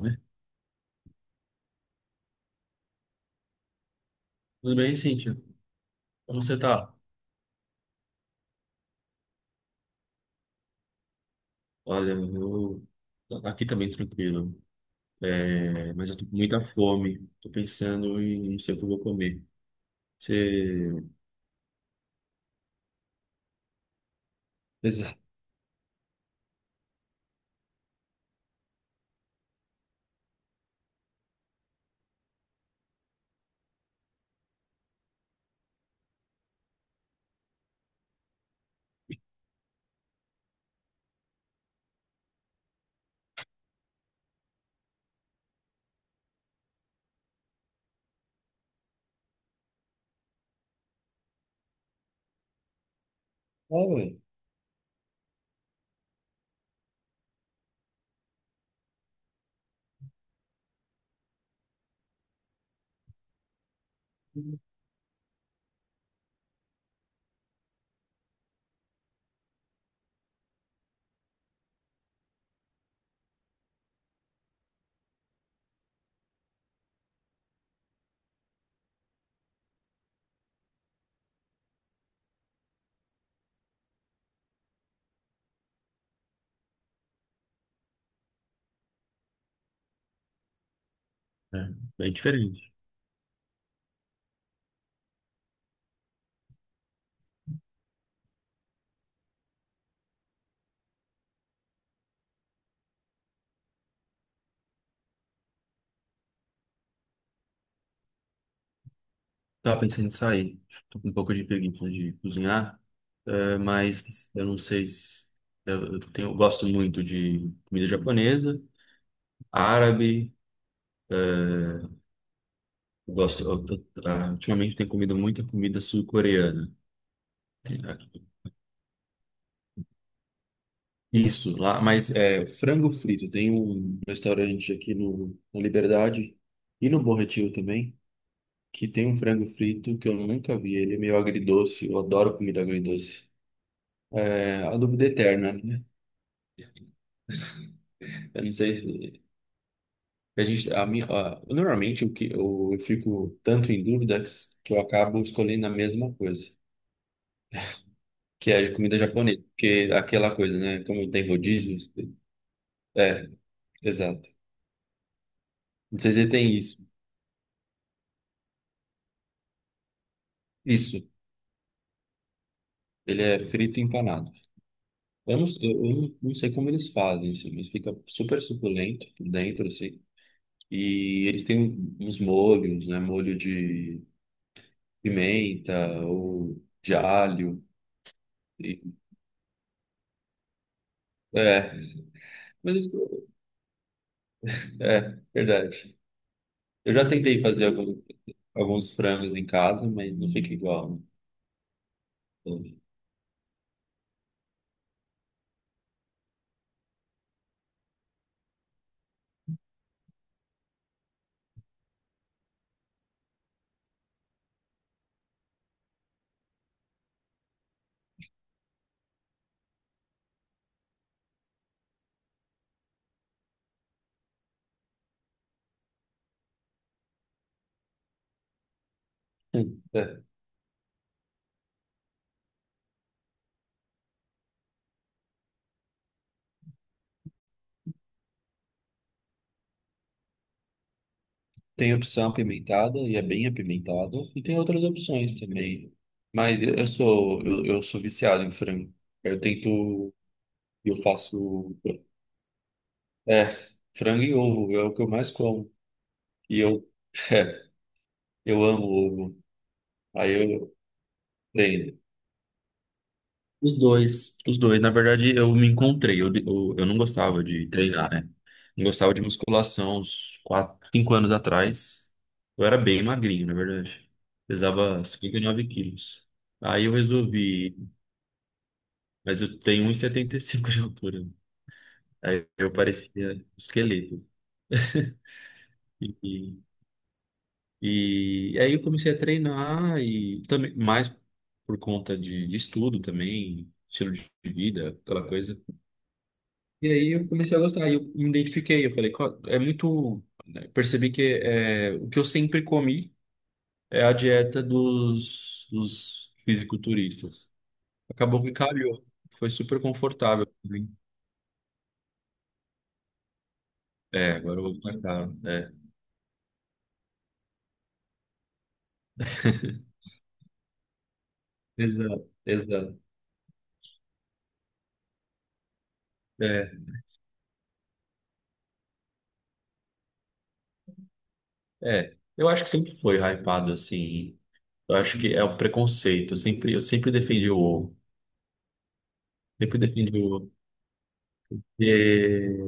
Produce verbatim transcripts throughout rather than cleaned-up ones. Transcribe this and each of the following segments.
Né? Tudo bem, Cíntia? Como você tá? Olha, eu aqui também tranquilo. É, mas eu tô com muita fome. Tô pensando em não sei o que eu vou comer. Você. Exato. É, ué. É, bem diferente. Tava pensando em sair. Tô com um pouco de preguiça de cozinhar, é, mas eu não sei se. Eu, eu tenho, eu gosto muito de comida japonesa, árabe. Eu gosto, eu tô- ah, Ultimamente tenho comido muita comida sul-coreana. Isso, lá, mas é frango frito. Tem um restaurante aqui no, na Liberdade e no Bom Retiro também, que tem um frango frito que eu nunca vi. Ele é meio agridoce, eu adoro comida agridoce. É a dúvida eterna, né? Eu não sei se a gente, a minha, a- normalmente o que eu, eu fico tanto em dúvida que eu acabo escolhendo a mesma coisa, que é a comida japonesa, porque aquela coisa, né? Como tem rodízios, é, exato. Não sei se tem isso. Isso, ele é frito e empanado. Eu não, eu, eu não não sei como eles fazem, assim, mas fica super suculento por dentro, assim. E eles têm uns molhos, né? Molho de pimenta ou de alho. E- é, mas isso- É verdade. Eu já tentei fazer algum- alguns frangos em casa, mas não fica igual. Né? Sim. É. Tem opção apimentada e é bem apimentada, e tem outras opções também. Mas eu eu sou, eu, eu sou viciado em frango. Eu tento, eu faço. É, frango e ovo é o que eu mais como. E eu, eu amo ovo. Aí eu treino. Os dois. Os dois. Na verdade, eu me encontrei. Eu, eu, eu não gostava de treinar, né? Não gostava de musculação uns quatro, cinco anos atrás. Eu era bem magrinho, na verdade. Pesava cinquenta e nove quilos. Aí eu resolvi. Mas eu tenho um e setenta e cinco de altura. Aí eu parecia um esqueleto. E E aí eu comecei a treinar e também mais por conta de, de estudo também, estilo de vida, aquela coisa. E aí eu comecei a gostar, e eu me identifiquei, eu falei, "Co- é muito, né?" Percebi que, é, o que eu sempre comi é a dieta dos, dos fisiculturistas. Acabou que calhou. Foi super confortável, pra mim. É, agora eu vou pra cá. É. Exato, exato. É, é. Eu acho que sempre foi hypado assim. Eu acho que é um preconceito. Eu sempre, eu sempre defendi o ovo. Sempre defendi o ovo. E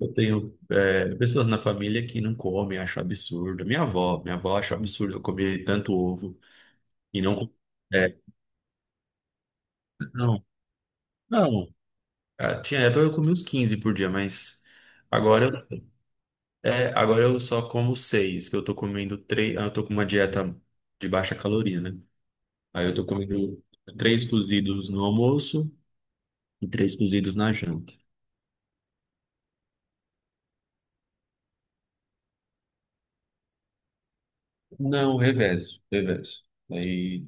eu tenho, é, pessoas na família que não comem, acham absurdo. Minha avó, minha avó acha absurdo eu comer tanto ovo e não. É, não, não. Ah, Tinha época que eu comia uns quinze por dia, mas agora, é, agora eu só como seis, que eu tô comendo três. ah, Eu tô com uma dieta de baixa caloria, né? Aí eu tô comendo três cozidos no almoço e três cozidos na janta. Não, reverso, reverso. Aí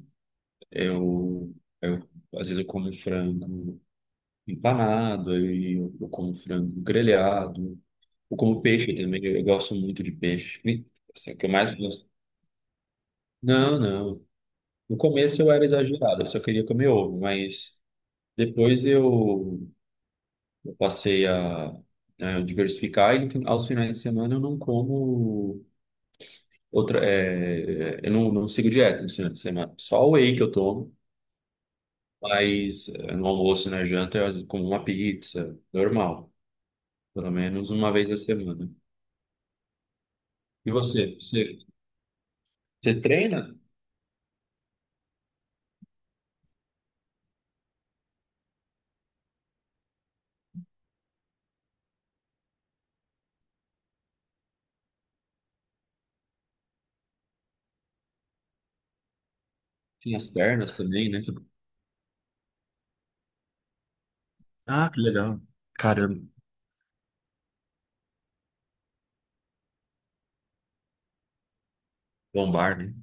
eu, eu às vezes eu como frango empanado, aí eu, eu como frango grelhado, eu como peixe também, eu, eu gosto muito de peixe. Me- assim, o que eu mais gosto. Não, não. No começo eu era exagerado, eu só queria comer ovo, mas depois eu, eu passei a, a diversificar e no fin- aos finais de semana eu não como outra, é, é, eu não, não sigo dieta no final de semana, só o whey que eu tomo. Mas eh, no almoço e na janta eu como uma pizza, normal. Pelo menos uma vez a semana. E você? Você, você treina? Tem as pernas também, né? Ah, que legal. Caramba, lombar, né?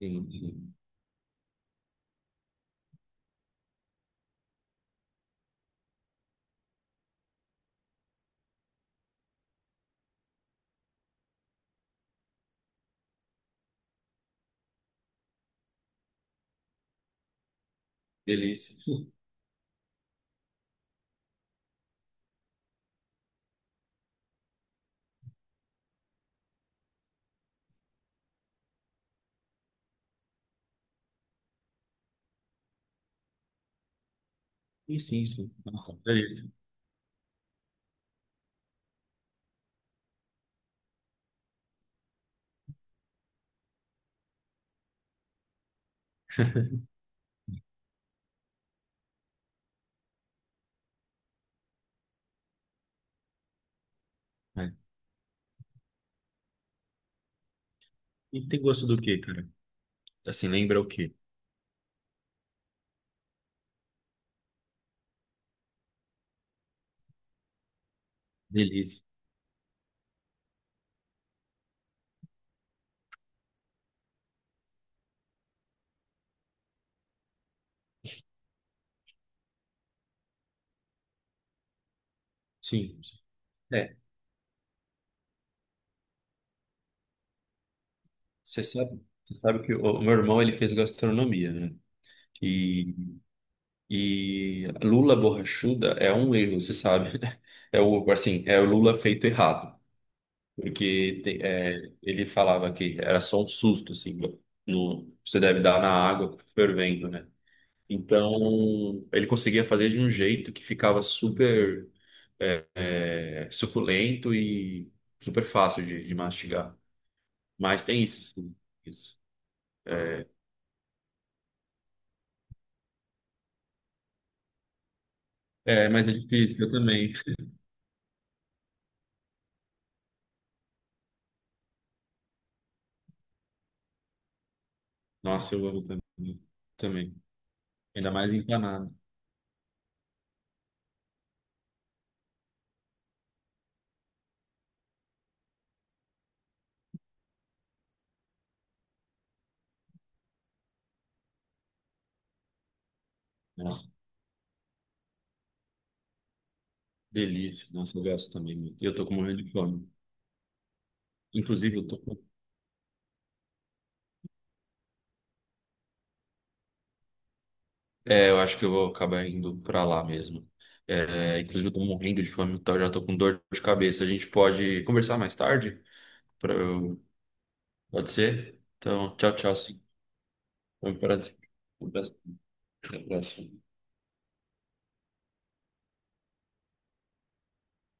Sim, sim. Delícia. E sim, sim. Nossa, delícia. Mas, e tem gosto do quê, cara? Assim, lembra o quê? Delícia. Sim. É, você sabe, você sabe que o, o meu irmão, ele fez gastronomia, né? e E lula borrachuda é um erro, você sabe. Né? É o, assim, é o Lula feito errado. Porque tem- é, ele falava que era só um susto, assim, no, você deve dar na água fervendo, né? Então, ele conseguia fazer de um jeito que ficava super é, é, suculento e super fácil de, de mastigar. Mas tem isso, sim, isso. É, mas é difícil, eu também. Nossa, eu amo também. Também. Ainda mais empanado. Delícia. Nossa, eu gosto também, muito. E eu tô com morrendo de fome. Inclusive, eu tô com. É, eu acho que eu vou acabar indo pra lá mesmo. É, inclusive, eu tô morrendo de fome, então eu já tô com dor de cabeça. A gente pode conversar mais tarde? Pra eu- Pode ser? Então, tchau, tchau, sim. Foi um prazer. Até a próxima.